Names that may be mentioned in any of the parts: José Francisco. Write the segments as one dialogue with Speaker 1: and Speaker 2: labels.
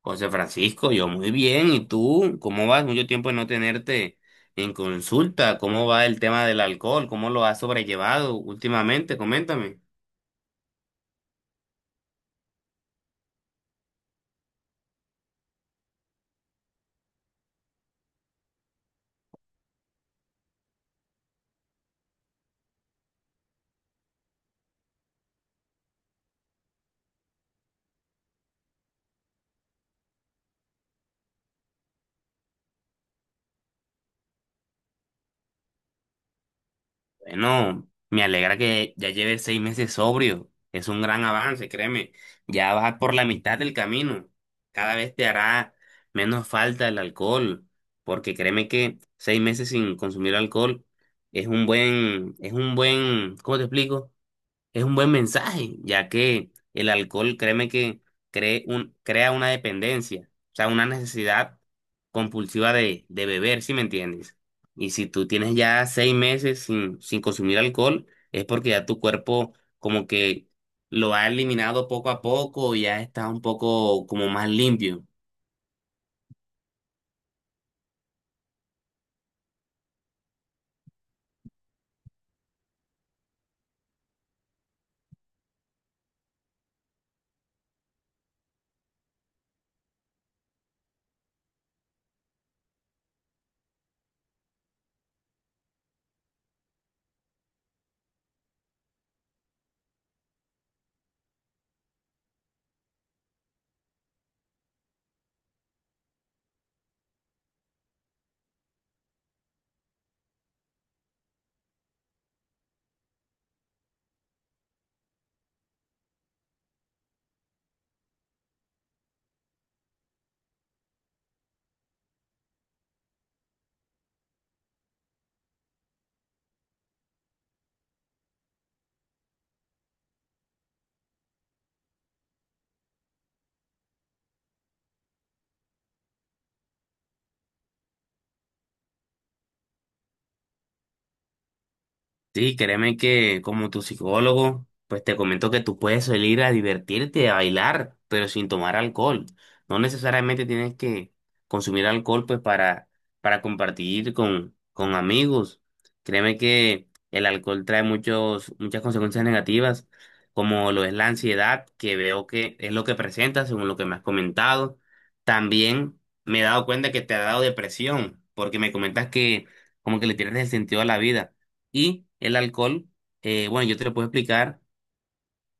Speaker 1: José Francisco, yo muy bien. ¿Y tú? ¿Cómo vas? Mucho tiempo de no tenerte en consulta. ¿Cómo va el tema del alcohol? ¿Cómo lo has sobrellevado últimamente? Coméntame. Bueno, me alegra que ya lleves 6 meses sobrio. Es un gran avance, créeme. Ya vas por la mitad del camino. Cada vez te hará menos falta el alcohol, porque créeme que 6 meses sin consumir alcohol es un buen, ¿cómo te explico? Es un buen mensaje, ya que el alcohol, créeme que crea una dependencia, o sea, una necesidad compulsiva de beber, ¿si me entiendes? Y si tú tienes ya seis meses sin consumir alcohol, es porque ya tu cuerpo como que lo ha eliminado poco a poco y ya está un poco como más limpio. Sí, créeme que como tu psicólogo, pues te comento que tú puedes salir a divertirte, a bailar, pero sin tomar alcohol. No necesariamente tienes que consumir alcohol pues para compartir con amigos. Créeme que el alcohol trae muchos, muchas consecuencias negativas, como lo es la ansiedad, que veo que es lo que presenta según lo que me has comentado. También me he dado cuenta que te ha dado depresión, porque me comentas que como que le tienes el sentido a la vida. Y el alcohol, bueno, yo te lo puedo explicar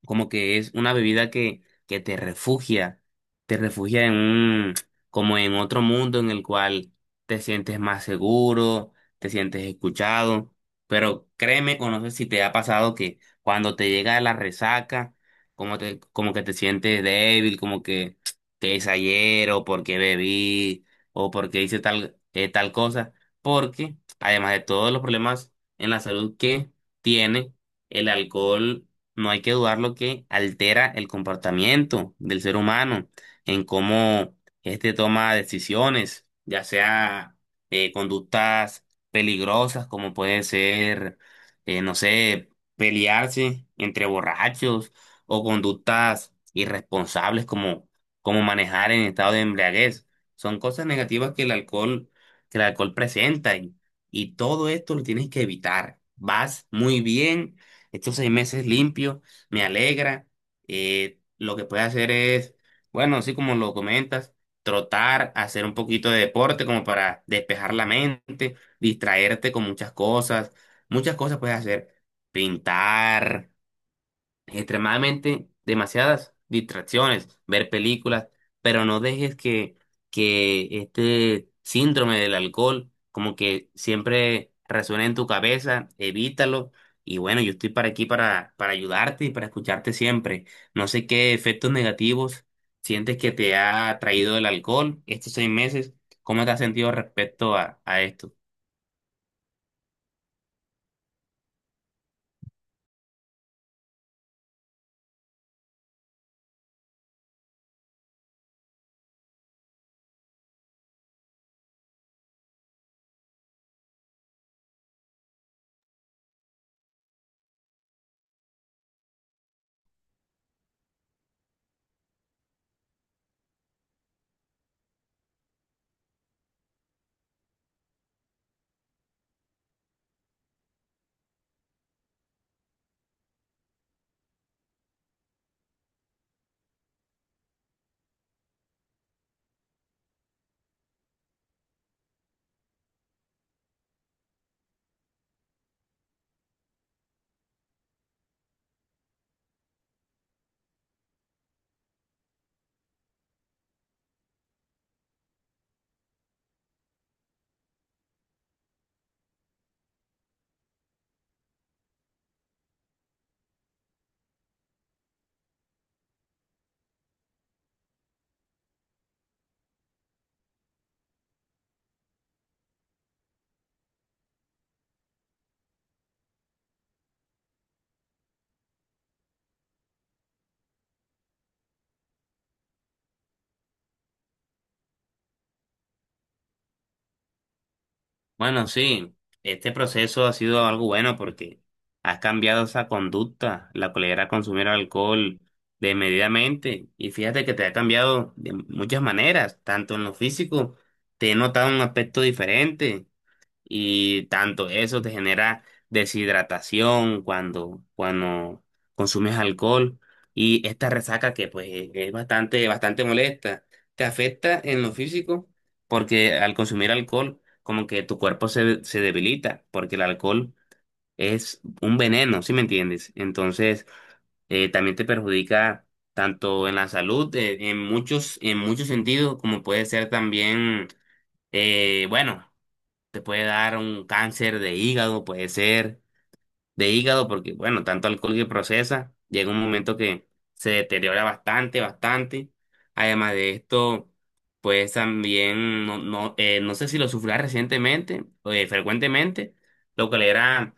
Speaker 1: como que es una bebida que te refugia en un, como en otro mundo en el cual te sientes más seguro, te sientes escuchado, pero créeme o no sé si te ha pasado que cuando te llega la resaca, como que te sientes débil, como que qué hice ayer o por bebí o porque hice tal, tal cosa, porque además de todos los problemas en la salud que tiene, el alcohol no hay que dudar lo que altera el comportamiento del ser humano, en cómo éste toma decisiones, ya sea conductas peligrosas, como puede ser, no sé, pelearse entre borrachos o conductas irresponsables como manejar en estado de embriaguez. Son cosas negativas que el alcohol presenta y todo esto lo tienes que evitar. Vas muy bien estos 6 meses limpio, me alegra. Lo que puedes hacer es, bueno, así como lo comentas, trotar, hacer un poquito de deporte como para despejar la mente, distraerte con muchas cosas. Muchas cosas puedes hacer. Pintar, extremadamente demasiadas distracciones, ver películas, pero no dejes que este síndrome del alcohol como que siempre resuene en tu cabeza, evítalo. Y bueno, yo estoy para aquí para ayudarte y para escucharte siempre. No sé qué efectos negativos sientes que te ha traído el alcohol estos 6 meses. ¿Cómo te has sentido respecto a esto? Bueno, sí, este proceso ha sido algo bueno porque has cambiado esa conducta, la cual era consumir alcohol desmedidamente. Y fíjate que te ha cambiado de muchas maneras, tanto en lo físico, te he notado un aspecto diferente, y tanto eso te genera deshidratación cuando consumes alcohol y esta resaca que pues es bastante, bastante molesta. Te afecta en lo físico porque al consumir alcohol como que tu cuerpo se debilita porque el alcohol es un veneno, ¿sí me entiendes? Entonces también te perjudica tanto en la salud, en muchos sentidos, como puede ser también, bueno. Te puede dar un cáncer de hígado, puede ser de hígado, porque bueno, tanto alcohol que procesa, llega un momento que se deteriora bastante, bastante. Además de esto, pues también, no, no, no sé si lo sufría recientemente, o frecuentemente, lo que le era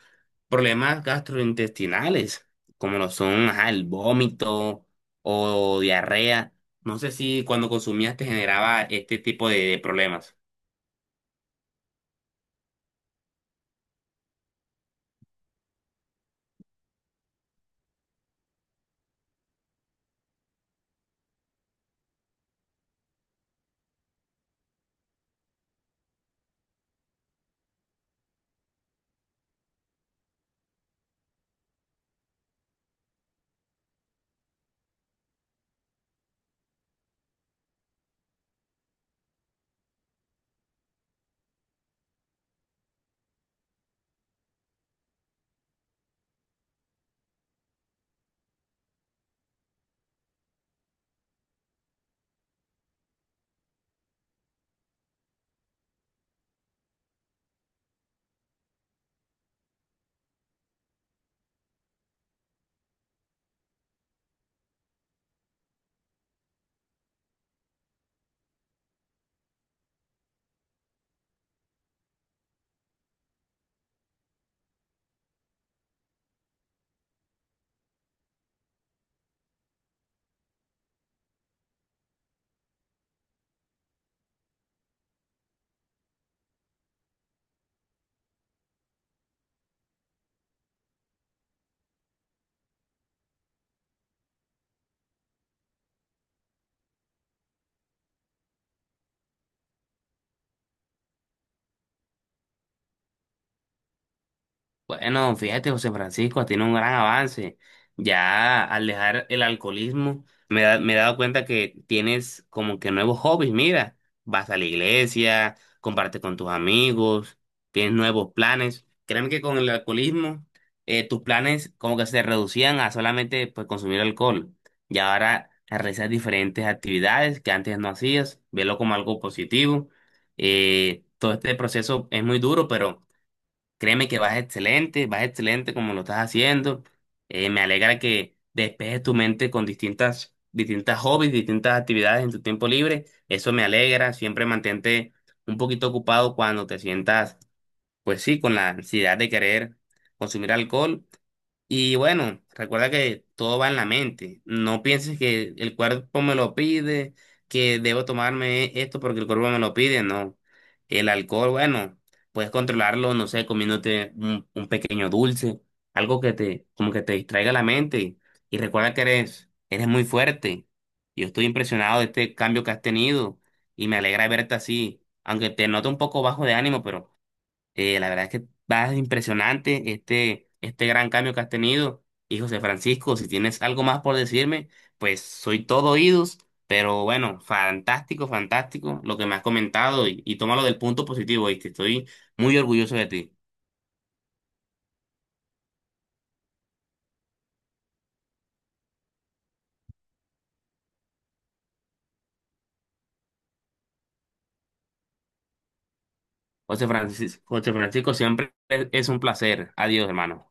Speaker 1: problemas gastrointestinales, como lo son, ajá, el vómito o diarrea. No sé si cuando consumías te generaba este tipo de problemas. Bueno, fíjate, José Francisco, tiene un gran avance. Ya al dejar el alcoholismo, me he dado cuenta que tienes como que nuevos hobbies. Mira, vas a la iglesia, comparte con tus amigos, tienes nuevos planes. Créeme que con el alcoholismo, tus planes como que se reducían a solamente pues, consumir alcohol. Y ahora realizas diferentes actividades que antes no hacías. Velo como algo positivo. Todo este proceso es muy duro, pero créeme que vas excelente como lo estás haciendo. Me alegra que despejes tu mente con distintas, distintas hobbies, distintas actividades en tu tiempo libre. Eso me alegra. Siempre mantente un poquito ocupado cuando te sientas, pues sí, con la ansiedad de querer consumir alcohol. Y bueno, recuerda que todo va en la mente. No pienses que el cuerpo me lo pide, que debo tomarme esto porque el cuerpo me lo pide, no. El alcohol, bueno, puedes controlarlo, no sé, comiéndote un pequeño dulce, algo que te, como que te distraiga la mente. Y recuerda que eres, eres muy fuerte. Yo estoy impresionado de este cambio que has tenido y me alegra verte así, aunque te noto un poco bajo de ánimo, pero la verdad es que va impresionante este, este gran cambio que has tenido. Y José Francisco, si tienes algo más por decirme, pues soy todo oídos, pero bueno, fantástico, fantástico lo que me has comentado y tómalo del punto positivo, ¿viste? Estoy muy orgulloso de ti. José Francisco, José Francisco, siempre es un placer. Adiós, hermano.